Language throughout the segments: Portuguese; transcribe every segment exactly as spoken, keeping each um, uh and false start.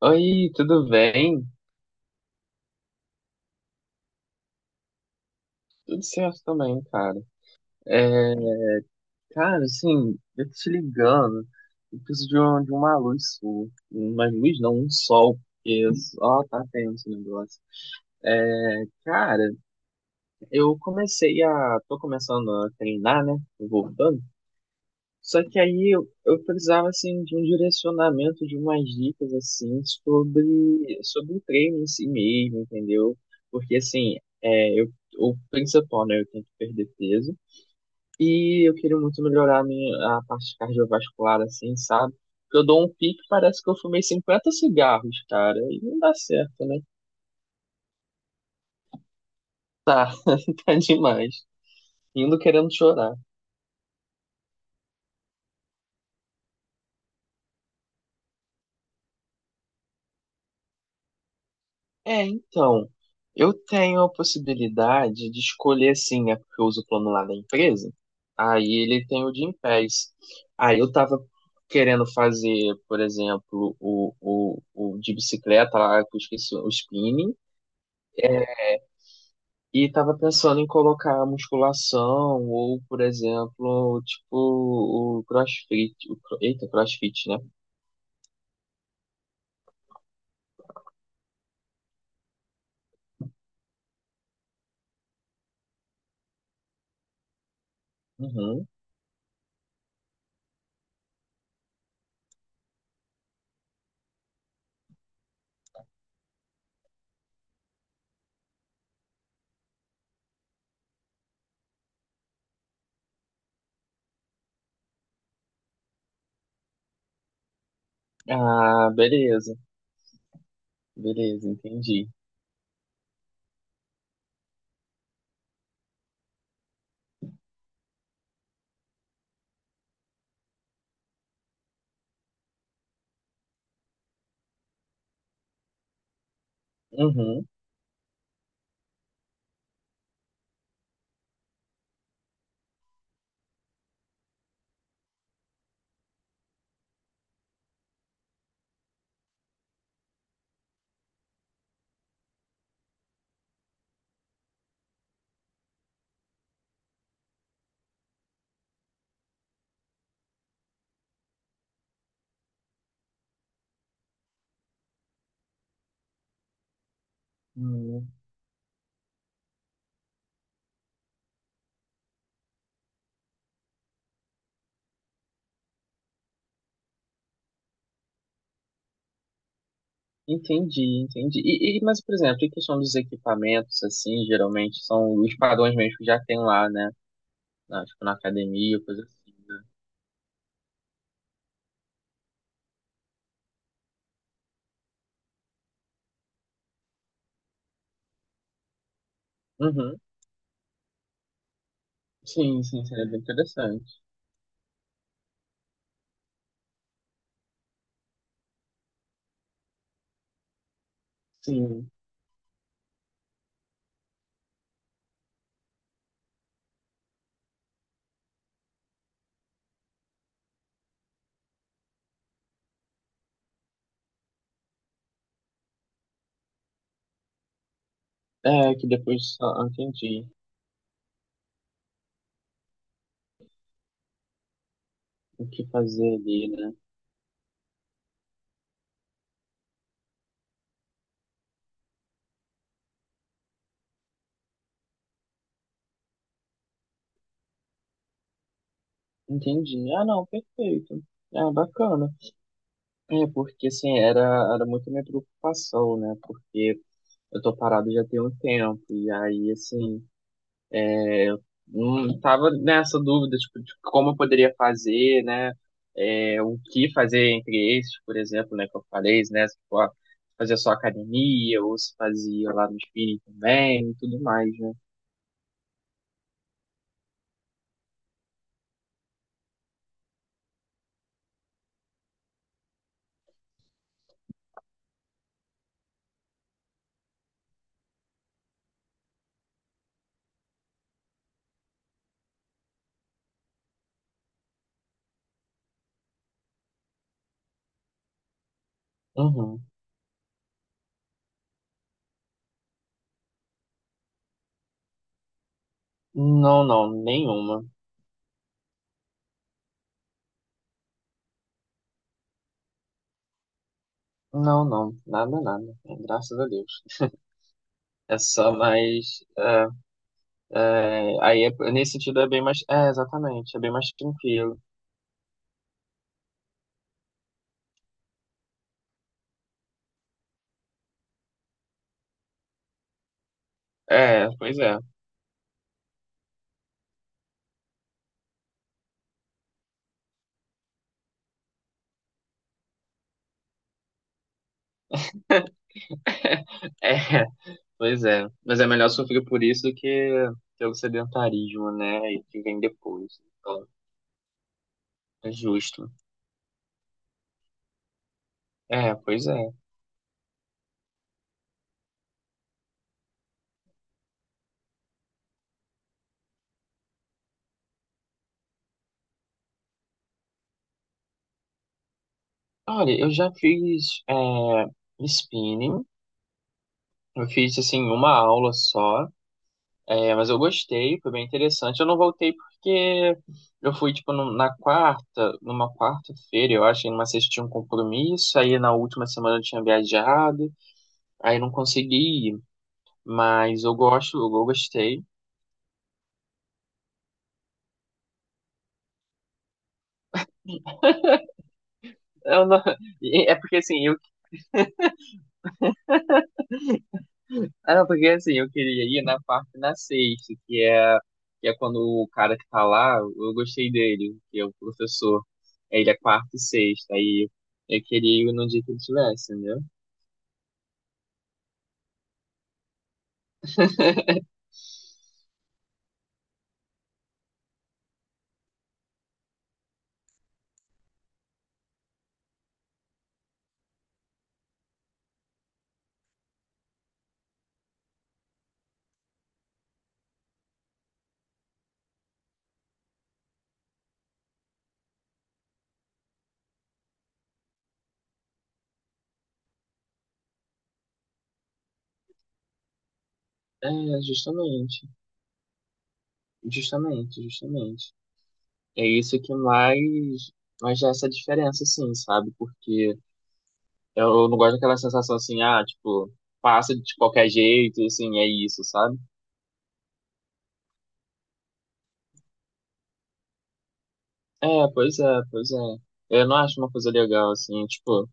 Oi, tudo bem? Tudo certo também, cara. É, cara, assim, eu tô te ligando. Eu preciso de uma, de uma luz sua. Uma luz não, um sol. Porque só tá tenso o negócio. É, cara, eu comecei a... Tô começando a treinar, né? Voltando. Só que aí eu, eu precisava assim de um direcionamento, de umas dicas assim sobre sobre o treino em si mesmo, entendeu? Porque assim, é, eu, o principal, né, eu tenho que perder peso e eu queria muito melhorar a minha a parte cardiovascular assim, sabe? Porque eu dou um pique, parece que eu fumei cinquenta cigarros, cara, e não dá certo, né? Tá, tá demais. Indo querendo chorar. É, então, eu tenho a possibilidade de escolher, assim, é porque eu uso o plano lá da empresa, aí ele tem o Gym Pass. Aí eu tava querendo fazer, por exemplo, o, o, o de bicicleta lá, que eu esqueci, o spinning, e tava pensando em colocar a musculação, ou, por exemplo, tipo, o CrossFit, o, cro- eita, CrossFit, né? Uhum. Ah, beleza, beleza, entendi. Uhum. Hum. Entendi, entendi. E, e- mas, por exemplo, em questão dos equipamentos, assim, geralmente são os padrões mesmo que já tem lá, né? Na, tipo, na academia, coisa assim, né? Uhum. Sim, sim, seria bem interessante. Sim. É, que depois só ah, entendi o que fazer ali, né? Entendi. Ah, não, perfeito. Ah, bacana. É, porque, assim, era, era muito minha preocupação, né? Porque eu tô parado já tem um tempo, e aí, assim, não tava nessa dúvida, tipo, de como eu poderia fazer, né? É, o que fazer entre esses, por exemplo, né? Que eu falei, né? Se for fazer só academia, ou se fazia lá no spinning também, e tudo mais, né? Uhum. Não, não, nenhuma. Não, não, nada, nada. Graças a Deus. É só mais. é, aí, é- nesse sentido, é bem mais. É, exatamente, é bem mais tranquilo. É, pois é. É, pois é. Mas é melhor sofrer por isso do que ter o sedentarismo, né? E que vem depois. Então, é justo. É, pois é. Olha, eu já fiz é, spinning. Eu fiz, assim, uma aula só. É, mas eu gostei, foi bem interessante. Eu não voltei porque eu fui, tipo, num- na quarta, numa quarta-feira, eu acho, e numa sexta eu tinha um compromisso. Aí na última semana eu tinha viajado. Aí não consegui ir. Mas eu gosto, eu gostei. Eu não- É porque assim, eu Ah, não, porque assim, eu queria ir na parte na sexta, que é, que é, quando o cara que tá lá, eu gostei dele, que é o professor. É, ele é quarta e sexta, aí eu queria ir no dia que ele tivesse, entendeu? É, justamente, justamente, justamente. É isso que mais, mais dá essa diferença, assim, sabe? Porque eu não gosto daquela sensação assim, ah, tipo, passa de qualquer jeito, assim, é isso, sabe? É, pois é, pois é. Eu não acho uma coisa legal, assim, tipo,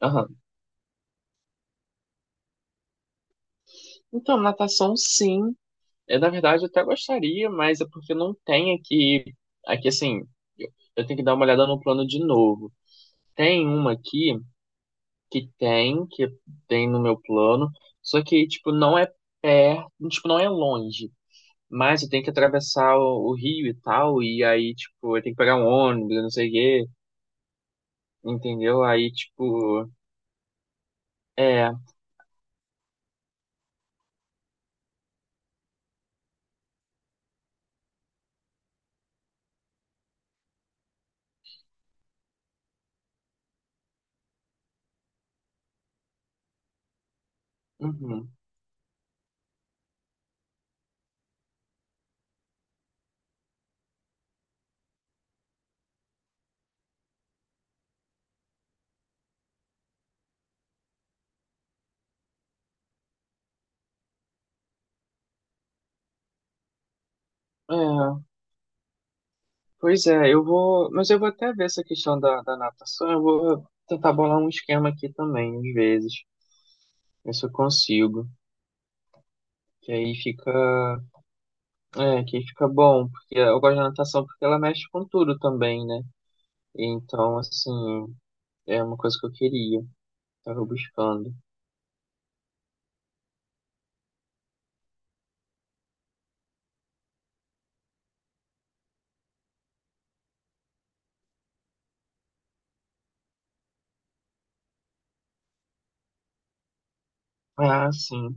aham. Então, natação sim. É, na verdade, eu até gostaria, mas é porque não tem aqui. Aqui, assim, eu, eu tenho que dar uma olhada no plano de novo. Tem uma aqui que tem, que tem no meu plano, só que, tipo, não é perto, tipo, não é longe. Mas eu tenho que atravessar o, o rio e tal, e aí, tipo, eu tenho que pegar um ônibus, eu não sei o quê, entendeu? Aí, tipo, é. Uhum, é. Pois é, eu vou. Mas eu vou até ver essa questão da, da natação. Eu vou tentar bolar um esquema aqui também, às vezes. Ver se eu consigo. Que aí fica. É, que aí fica bom. Porque eu gosto da natação porque ela mexe com tudo também, né? Então, assim, é uma coisa que eu queria. Tava buscando. Ah, sim.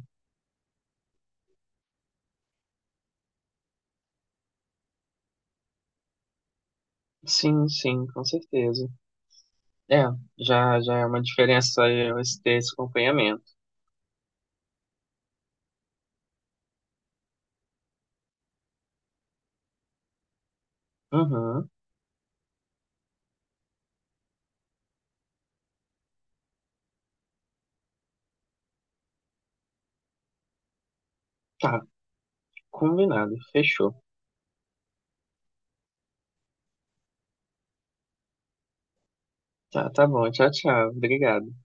Sim, sim, com certeza. É, já, já é uma diferença eu ter esse acompanhamento. Uhum. Tá, combinado. Fechou. Tá, tá bom. Tchau, tchau. Obrigado.